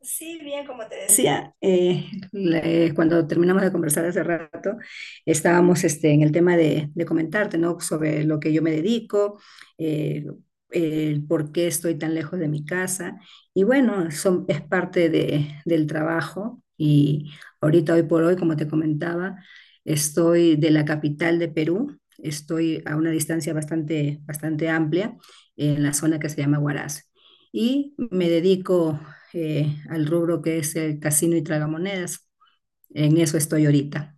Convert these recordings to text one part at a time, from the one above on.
Sí, bien, como te decía, cuando terminamos de conversar hace rato, estábamos en el tema de comentarte, ¿no? Sobre lo que yo me dedico, eh, el por qué estoy tan lejos de mi casa. Y bueno, es parte del trabajo. Y ahorita, hoy por hoy, como te comentaba, estoy de la capital de Perú, estoy a una distancia bastante, bastante amplia en la zona que se llama Huaraz y me dedico al rubro que es el casino y tragamonedas. En eso estoy ahorita.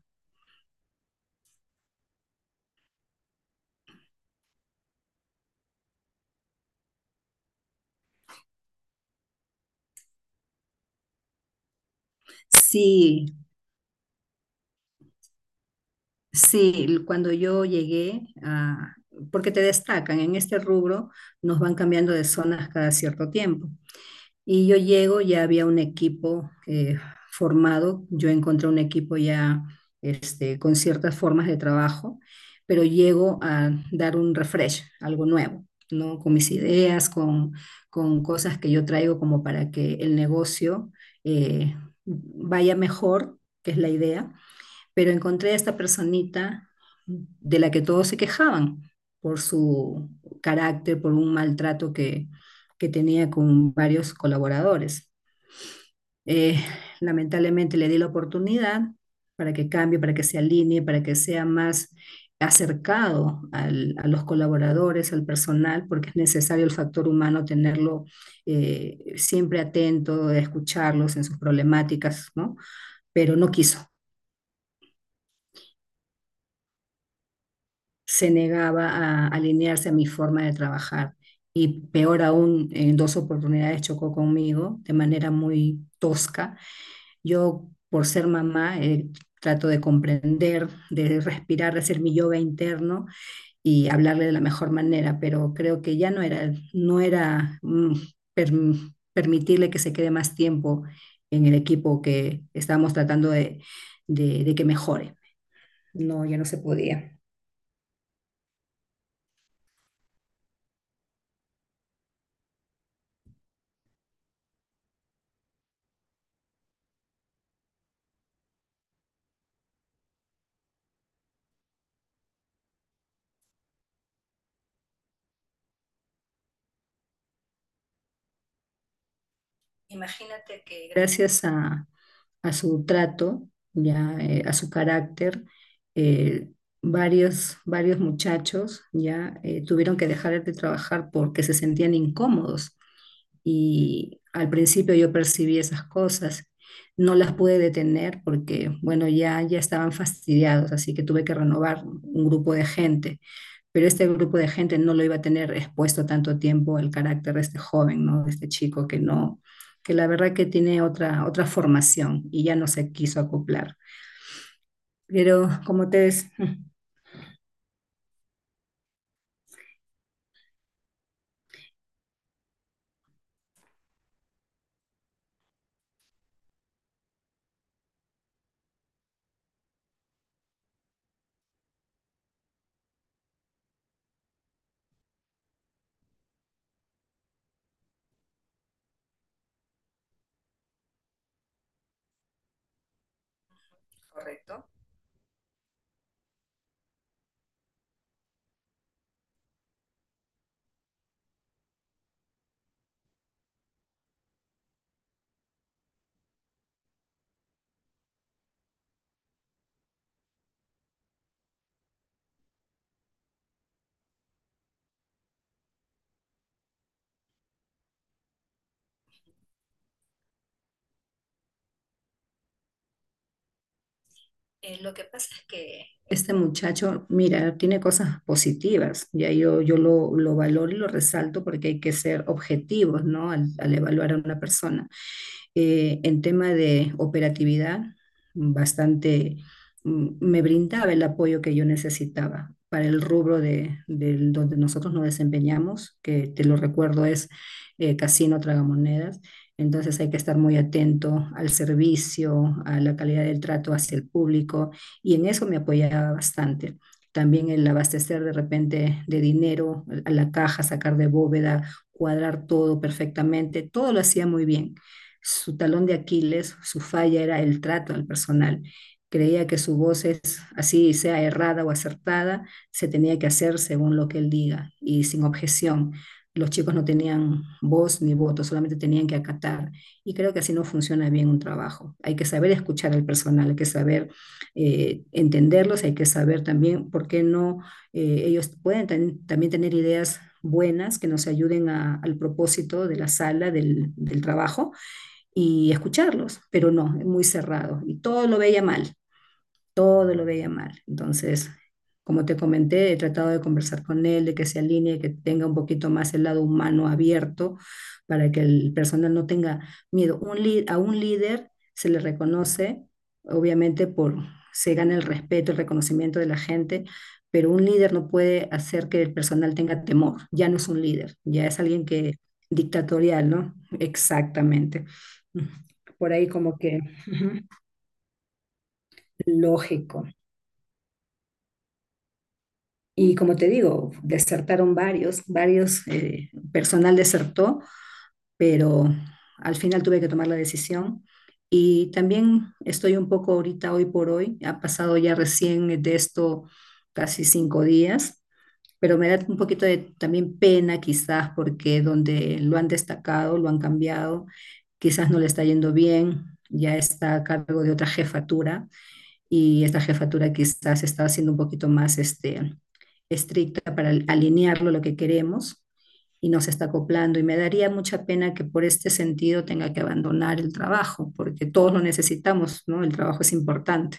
Sí, sí, cuando yo llegué a, porque te destacan en este rubro, nos van cambiando de zonas cada cierto tiempo. Y yo llego, ya había un equipo formado, yo encontré un equipo ya con ciertas formas de trabajo, pero llego a dar un refresh, algo nuevo, ¿no? Con mis ideas, con cosas que yo traigo como para que el negocio eh, vaya mejor, que es la idea, pero encontré a esta personita de la que todos se quejaban por su carácter, por un maltrato que tenía con varios colaboradores. Eh, Lamentablemente le di la oportunidad para que cambie, para que se alinee, para que sea más acercado a los colaboradores, al personal, porque es necesario el factor humano tenerlo siempre atento, escucharlos en sus problemáticas, ¿no? Pero no quiso, se negaba a alinearse a mi forma de trabajar. Y peor aún, en dos oportunidades chocó conmigo de manera muy tosca. Yo, por ser mamá, trato de comprender, de respirar, de hacer mi yoga interno y hablarle de la mejor manera, pero creo que ya no era per- permitirle que se quede más tiempo en el equipo que estábamos tratando de que mejore. No, ya no se podía. Imagínate que a su trato, ya a su carácter, eh, varios muchachos ya tuvieron que dejar de trabajar porque se sentían incómodos. Y al principio yo percibí esas cosas. No las pude detener porque, bueno, ya estaban fastidiados, así que tuve que renovar un grupo de gente, pero este grupo de gente no lo iba a tener expuesto tanto tiempo el carácter de este joven, ¿no? De este chico que no, que la verdad que tiene otra, otra formación y ya no se quiso acoplar. Pero como te ves, este muchacho, mira, tiene cosas positivas, ya yo lo valoro y lo resalto porque hay que ser objetivos, ¿no? Al evaluar a una persona. En tema de operatividad, bastante me brindaba el apoyo que yo necesitaba para el rubro donde nosotros nos desempeñamos, que te lo recuerdo es casino tragamonedas. Entonces hay que estar muy atento al servicio, a la calidad del trato hacia el público y en eso me apoyaba bastante. También el abastecer de repente de dinero a la caja, sacar de bóveda, cuadrar todo perfectamente, todo lo hacía muy bien. Su talón de Aquiles, su falla era el trato al personal. Creía que su voz es así, sea errada o acertada, se tenía que hacer según lo que él diga y sin objeción. Los chicos no tenían voz ni voto, solamente tenían que acatar. Y creo que así no funciona bien un trabajo. Hay que saber escuchar al personal, hay que saber entenderlos, hay que saber también por qué no ellos pueden también tener ideas buenas que nos ayuden al propósito de la sala, del trabajo, y escucharlos, pero no, es muy cerrado y todo lo veía mal, todo lo veía mal. Entonces, como te comenté, he tratado de conversar con él, de que se alinee, que tenga un poquito más el lado humano abierto para que el personal no tenga miedo. A un líder se le reconoce, obviamente, por, se gana el respeto, el reconocimiento de la gente, pero un líder no puede hacer que el personal tenga temor. Ya no es un líder, ya es alguien que dictatorial, ¿no? Exactamente. Por ahí como que ujú, lógico. Y como te digo, desertaron varios, personal desertó, pero al final tuve que tomar la decisión. Y también estoy un poco ahorita, hoy por hoy, ha pasado ya recién de esto casi 5 días, pero me da un poquito de también pena quizás porque donde lo han destacado, lo han cambiado, quizás no le está yendo bien, ya está a cargo de otra jefatura y esta jefatura quizás está siendo un poquito más estricta para alinearlo a lo que queremos y nos está acoplando. Y me daría mucha pena que por este sentido tenga que abandonar el trabajo, porque todos lo necesitamos, ¿no? El trabajo es importante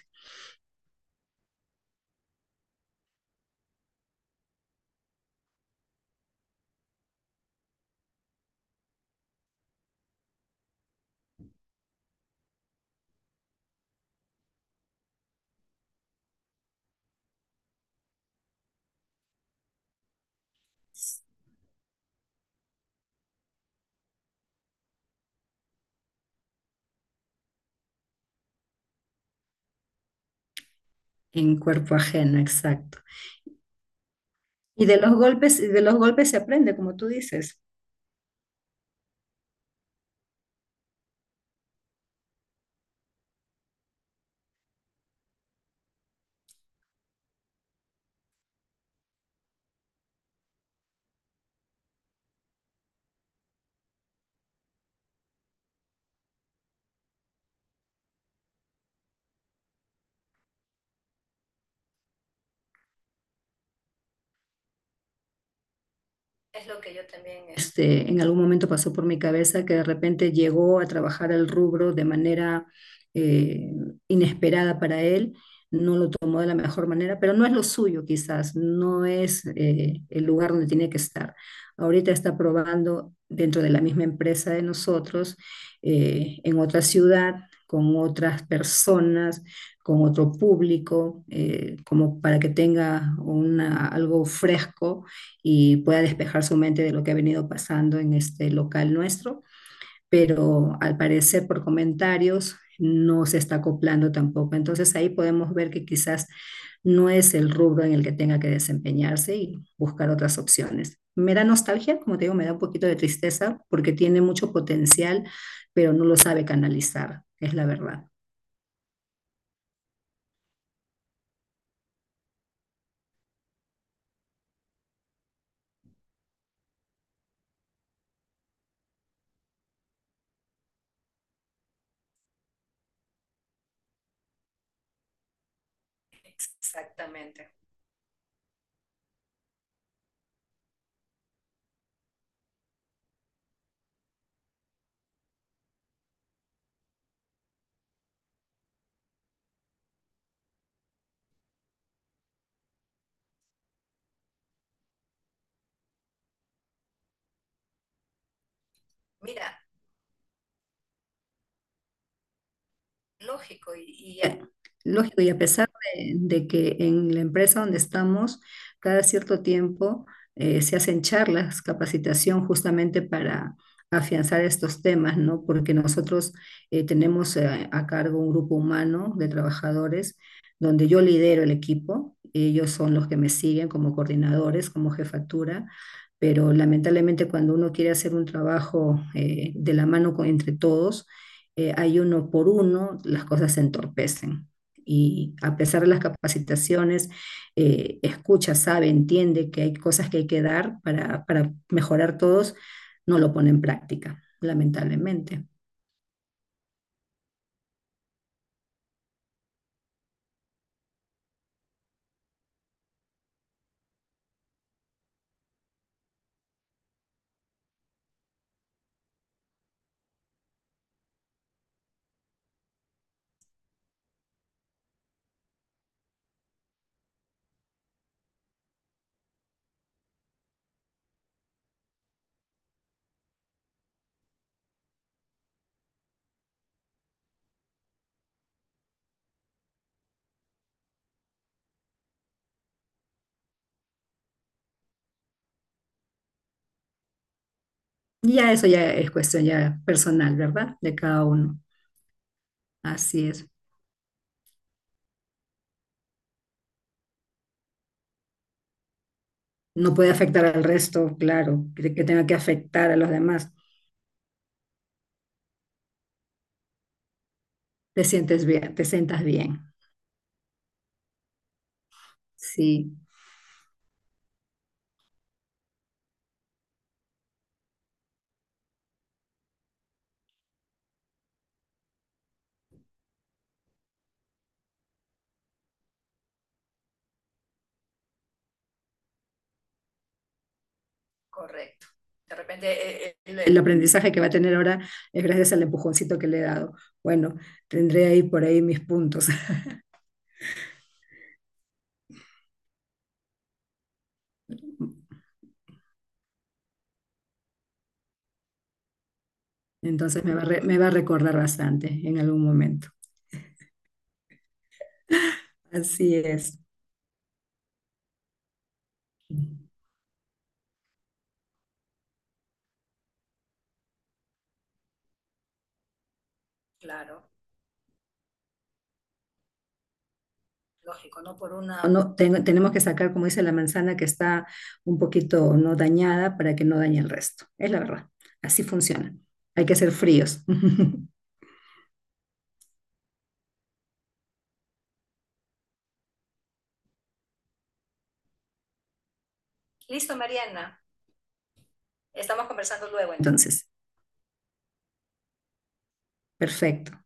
en cuerpo ajeno, exacto. Y de los golpes se aprende, como tú dices. Este, en algún momento pasó por mi cabeza que de repente llegó a trabajar el rubro de manera eh, inesperada para él, no lo tomó de la mejor manera, pero no es lo suyo quizás, no es, el lugar donde tiene que estar. Ahorita está probando dentro de la misma empresa de nosotros, en otra ciudad, con otras personas, con otro público, como para que tenga una, algo fresco y pueda despejar su mente de lo que ha venido pasando en este local nuestro, pero al parecer por comentarios no se está acoplando tampoco. Entonces ahí podemos ver que quizás no es el rubro en el que tenga que desempeñarse y buscar otras opciones. Me da nostalgia, como te digo, me da un poquito de tristeza porque tiene mucho potencial, pero no lo sabe canalizar, es la verdad. Eh, Lógico, y a pesar de que en la empresa donde estamos, cada cierto tiempo se hacen charlas, capacitación justamente para afianzar estos temas, ¿no? Porque nosotros tenemos a cargo un grupo humano de trabajadores donde yo lidero el equipo, ellos son los que me siguen como coordinadores, como jefatura, pero lamentablemente cuando uno quiere hacer un trabajo de la mano entre todos, hay uno por uno, las cosas se entorpecen. Y a pesar de las capacitaciones, escucha, sabe, entiende que hay cosas que hay que dar para mejorar todos, no lo pone en práctica, lamentablemente. Y ya eso ya es cuestión ya personal, ¿verdad? De cada uno. Así es. No puede afectar al resto, claro, que tenga que afectar a los demás. Te sientes bien, te sientas bien. Sí. De repente el aprendizaje que va a tener ahora es gracias al empujoncito que le he dado. Bueno, tendré ahí por ahí mis puntos. Entonces me va me va a recordar bastante en algún momento. Así es. No, tenemos que sacar, como dice la manzana, que está un poquito no dañada para que no dañe el resto. Es la verdad. Así funciona. Hay que ser fríos. Entonces, perfecto.